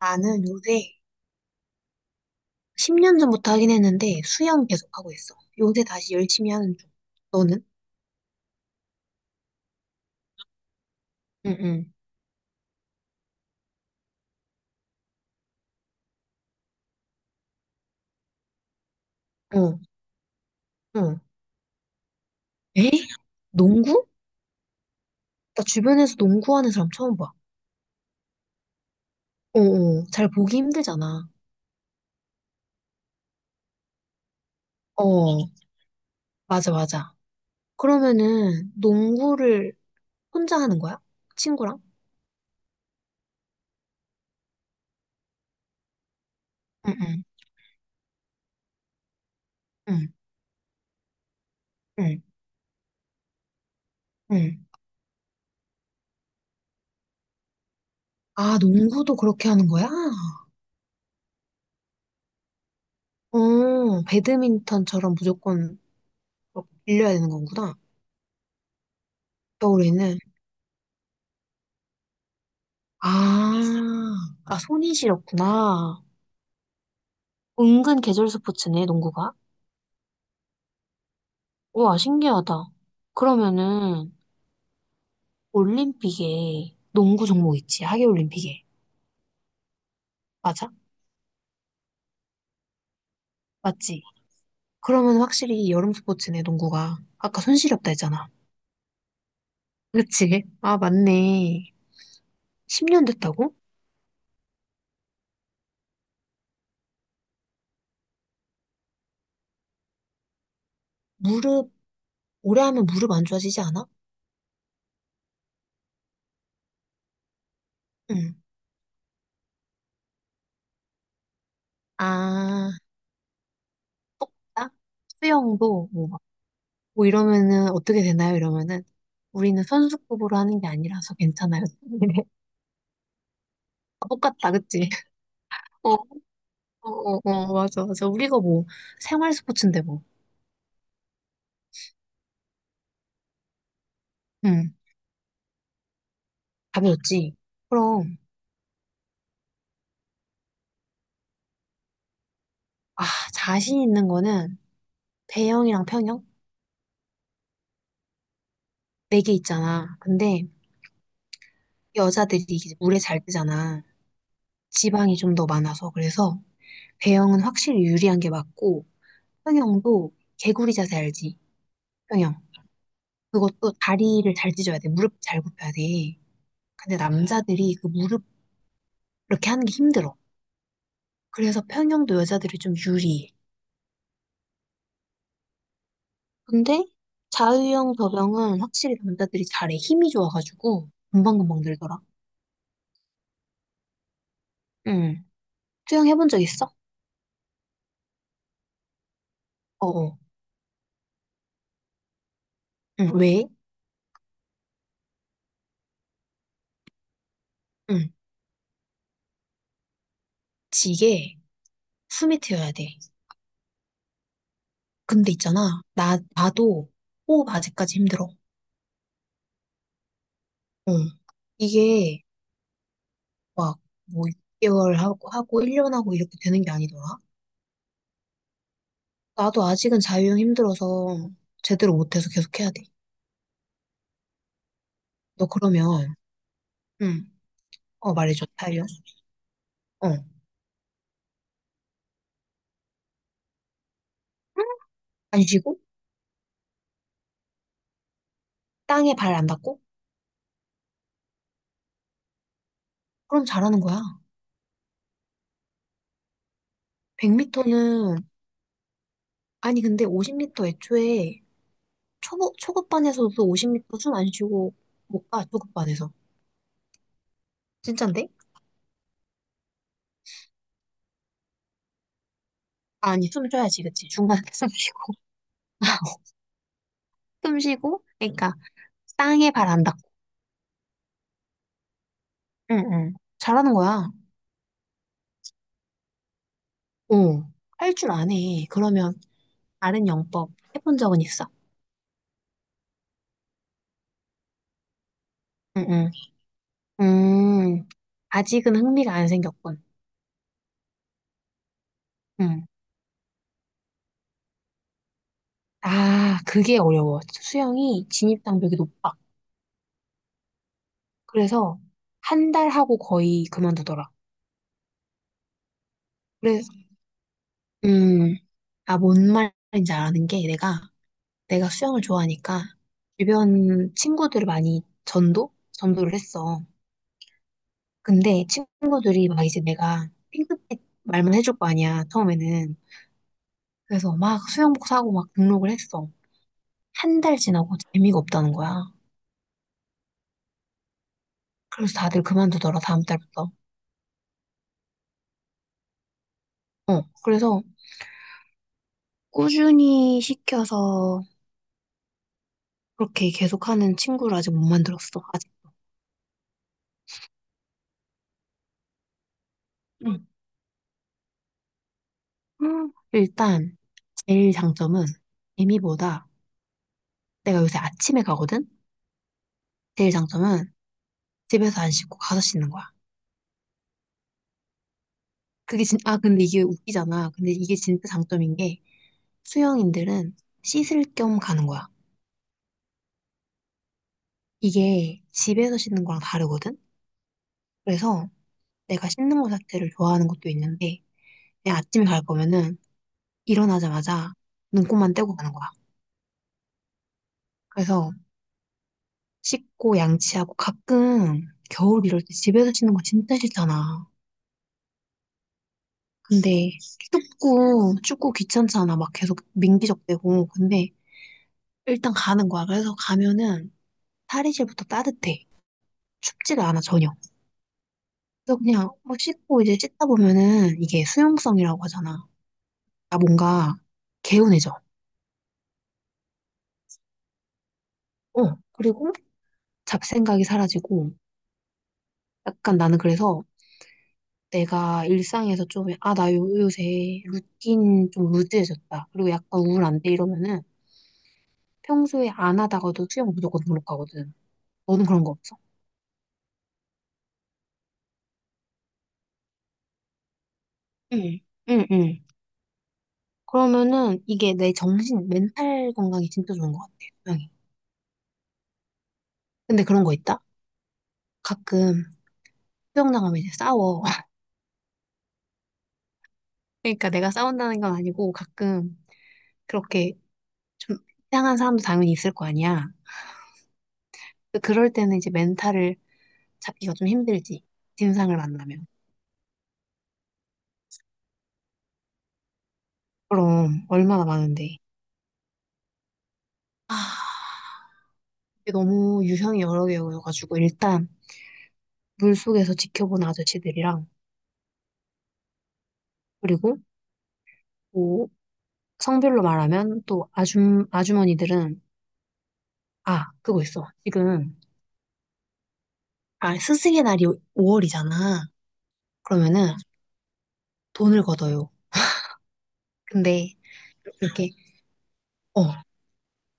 나는 요새 10년 전부터 하긴 했는데 수영 계속 하고 있어. 요새 다시 열심히 하는 중. 너는? 응, 응. 어, 어. 에? 농구? 나 주변에서 농구하는 사람 처음 봐. 어, 어. 잘 보기 힘들잖아. 어, 맞아, 맞아. 그러면은 농구를 혼자 하는 거야? 친구랑? 응, 응, 응, 응, 응. 아, 농구도 그렇게 하는 거야? 어, 배드민턴처럼 무조건 빌려야 되는 거구나. 겨울에는. 아, 아, 손이 시렸구나. 은근 계절 스포츠네, 농구가. 우와, 신기하다. 그러면은, 올림픽에 농구 종목 있지, 하계올림픽에. 맞아? 맞지? 그러면 확실히 여름 스포츠네, 농구가. 아까 손 시렵다 했잖아. 그치? 아, 맞네. 10년 됐다고? 무릎, 오래 하면 무릎 안 좋아지지 않아? 응. 아, 아, 수영도 뭐 뭐 이러면은 어떻게 되나요? 이러면은 우리는 선수급으로 하는 게 아니라서 괜찮아요. 아, 똑같다, 그치? 어, 어, 어, 어, 맞아, 맞아. 우리가 뭐 생활 스포츠인데 뭐. 응, 답이 없지. 그럼, 아, 자신 있는 거는 배영이랑 평영? 네 개 있잖아. 근데 여자들이 이제 물에 잘 뜨잖아. 지방이 좀 더 많아서. 그래서 배영은 확실히 유리한 게 맞고, 평영도 개구리 자세 알지? 평영. 그것도 다리를 잘 찢어야 돼. 무릎 잘 굽혀야 돼. 근데 남자들이 그 무릎 이렇게 하는 게 힘들어. 그래서 평형도 여자들이 좀 유리해. 근데 자유형, 접영은 확실히 남자들이 잘해. 힘이 좋아가지고 금방금방 늘더라. 응. 수영 해본 적 있어? 어어. 응. 왜? 응. 지게 숨이 트여야 돼. 근데 있잖아. 나도 호흡 아직까지 힘들어. 응. 이게 막뭐 6개월 하고 1년 하고 이렇게 되는 게 아니더라. 나도 아직은 자유형 힘들어서 제대로 못해서 계속 해야 돼. 너 그러면, 응. 어, 말해줘, 타이어. 어. 안 쉬고, 땅에 발 안 닿고, 그럼 잘하는 거야. 100m는, 아니, 근데 50m 애초에 초급, 초급반에서도 50m 숨 안 쉬고 못 가, 초급반에서. 진짠데? 아니, 숨 쉬어야지, 그치? 중간에 숨 쉬고. 숨 쉬고, 그러니까, 땅에 발 안 닿고. 응, 응. 잘하는 거야. 어. 할 줄 아네. 그러면, 다른 영법 해본 적은 있어. 응, 응. 음, 아직은 흥미가 안 생겼군. 응. 아, 그게 어려워. 수영이 진입 장벽이 높아. 그래서 한 달 하고 거의 그만두더라. 그래서 음, 아, 뭔 말인지 아는 게 내가 수영을 좋아하니까 주변 친구들을 많이 전도를 했어. 근데 친구들이 막 이제 내가 핑크빛 말만 해줄 거 아니야 처음에는. 그래서 막 수영복 사고 막 등록을 했어. 한 달 지나고 재미가 없다는 거야. 그래서 다들 그만두더라 다음 달부터. 어, 그래서 꾸준히 시켜서 그렇게 계속하는 친구를 아직 못 만들었어. 아직. 응. 일단 제일 장점은 재미보다 내가 요새 아침에 가거든? 제일 장점은 집에서 안 씻고 가서 씻는 거야. 그게 진, 아, 근데 이게 웃기잖아. 근데 이게 진짜 장점인 게 수영인들은 씻을 겸 가는 거야. 이게 집에서 씻는 거랑 다르거든? 그래서 내가 씻는 거 자체를 좋아하는 것도 있는데 그냥 아침에 갈 거면은 일어나자마자 눈곱만 떼고 가는 거야. 그래서 씻고 양치하고 가끔 겨울 이럴 때 집에서 씻는 거 진짜 싫잖아. 근데 춥고 춥고 귀찮잖아. 막 계속 민기적대고. 근데 일단 가는 거야. 그래서 가면은 탈의실부터 따뜻해. 춥지가 않아 전혀. 그래서 그냥 막 씻고 이제 씻다 보면은 이게 수용성이라고 하잖아. 나 뭔가 개운해져. 어. 그리고 잡생각이 사라지고 약간 나는 그래서 내가 일상에서 좀, 아, 나 요새 루틴 좀 루즈해졌다. 그리고 약간 우울한데 이러면은 평소에 안 하다가도 수영 무조건 등록하거든. 너는 그런 거 없어? 응, 응, 응. 그러면은 이게 내 정신, 멘탈 건강이 진짜 좋은 것 같아, 수영이. 근데 그런 거 있다? 가끔 수영장 가면 이제 싸워. 그러니까 내가 싸운다는 건 아니고 가끔 그렇게 좀 이상한 사람도 당연히 있을 거 아니야. 그럴 때는 이제 멘탈을 잡기가 좀 힘들지. 진상을 만나면. 그럼 얼마나 많은데. 아, 이게 너무 유형이 여러 개여가지고 일단 물속에서 지켜본 아저씨들이랑 그리고 뭐 성별로 말하면 또 아줌 아주머니들은 아 그거 있어. 지금 아 스승의 날이 5월이잖아. 그러면은 돈을 걷어요. 근데 이렇게 어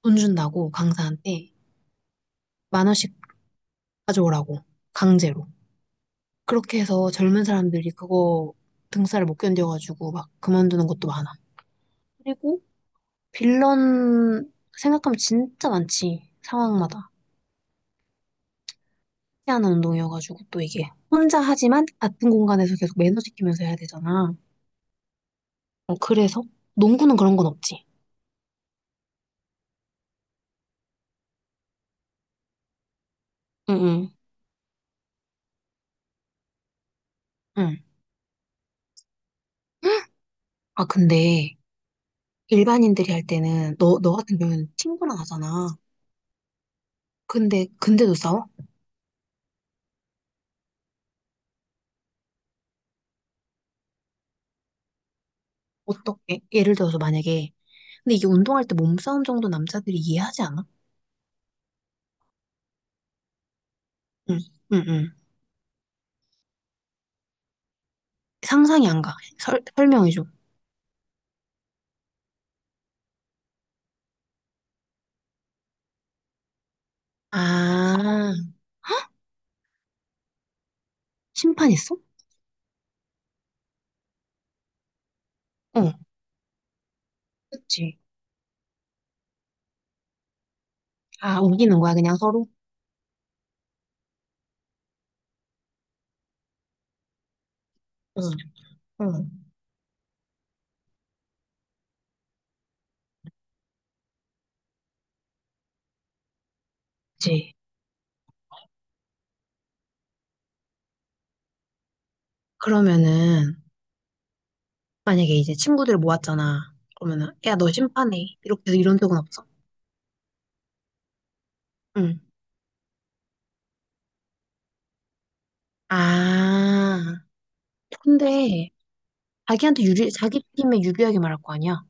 돈 준다고 강사한테 1만 원씩 가져오라고 강제로. 그렇게 해서 젊은 사람들이 그거 등쌀을 못 견뎌가지고 막 그만두는 것도 많아. 그리고 빌런 생각하면 진짜 많지. 상황마다. 희한한 운동이어가지고 또 이게 혼자 하지만 같은 공간에서 계속 매너 지키면서 해야 되잖아. 어, 그래서 농구는 그런 건 없지. 응응. 응. 응. 아 근데 일반인들이 할 때는 너 같은 경우는 친구랑 하잖아. 근데 근데도 싸워? 어떻게? 예를 들어서 만약에 근데 이게 운동할 때 몸싸움 정도 남자들이 이해하지 않아? 응. 응. 응. 상상이 안 가. 설명해줘. 아, 심판 있어? 어. 그치? 아, 우기는 거야, 그냥 서로? 응, 응. 그치? 그러면은, 만약에 이제 친구들 모았잖아. 그러면은, 야, 너 심판해. 이렇게 해서 이런 적은 없어? 응. 아, 근데, 자기한테 유리, 자기 팀에 유리하게 말할 거 아니야?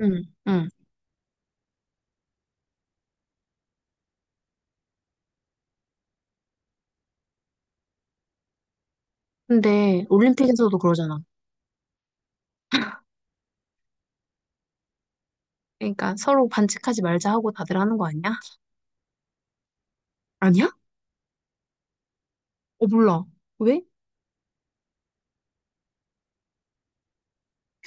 응. 응. 근데, 올림픽에서도 그러잖아. 그러니까, 서로 반칙하지 말자 하고 다들 하는 거 아니야? 아니야? 어, 몰라. 왜?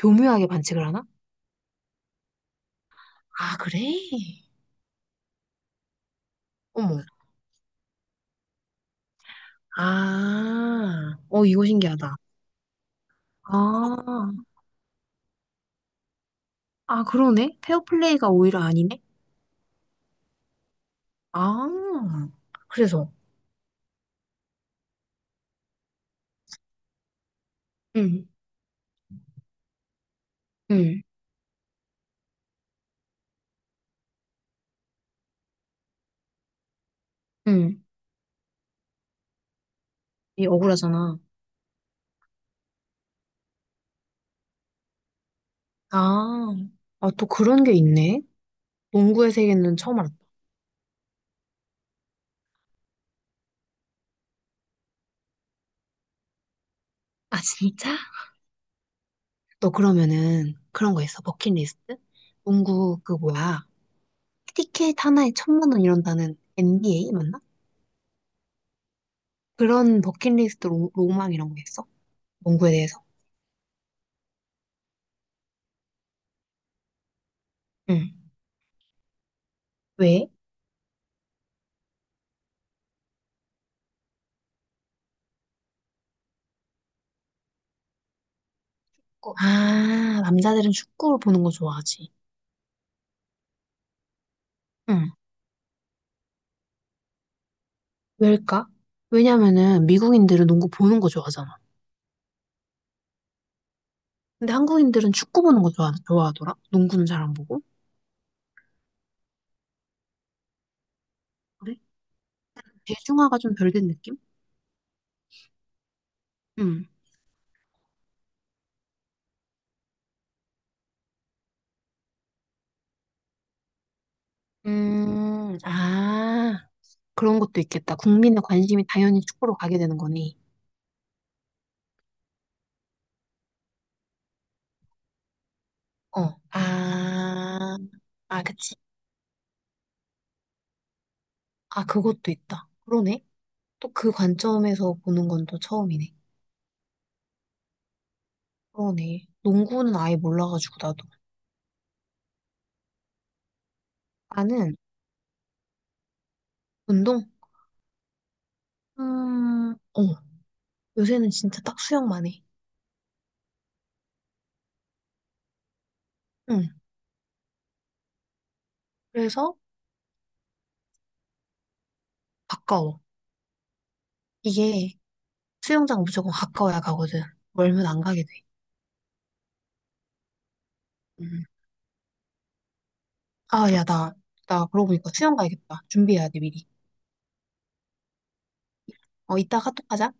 교묘하게 반칙을 하나? 아, 그래? 어머. 아, 어, 이거 신기하다. 아, 아, 그러네. 페어플레이가 오히려 아니네. 아, 그래서 응, 응, 응. 이 억울하잖아. 아, 아, 또 그런 게 있네. 농구의 세계는 처음 알았다. 아 진짜? 너 그러면은 그런 거 있어. 버킷리스트? 농구 그 뭐야. 티켓 하나에 1,000만 원 이런다는 NBA 맞나? 그런 버킷리스트 로망 이런 거 있어? 농구에 대해서? 응. 왜? 어, 아, 남자들은 축구를 보는 거 좋아하지. 왜일까? 왜냐면은 미국인들은 농구 보는 거 좋아하잖아. 근데 한국인들은 축구 보는 거 좋아, 좋아하더라. 농구는 잘 안 보고. 그래? 대중화가 좀 덜 된 느낌? 음. 아, 그런 것도 있겠다. 국민의 관심이 당연히 축구로 가게 되는 거니. 어, 아, 아, 그치. 아, 그것도 있다. 그러네. 또 그 관점에서 보는 건 또 처음이네. 그러네. 농구는 아예 몰라가지고, 나도. 나는 운동? 어, 요새는 진짜 딱 수영만 해. 응. 그래서 가까워. 이게 수영장 무조건 가까워야 가거든. 멀면 안 가게 돼. 음. 아, 야, 나, 나 그러고 보니까 수영 가야겠다. 준비해야 돼, 미리. 어, 이따가 또하자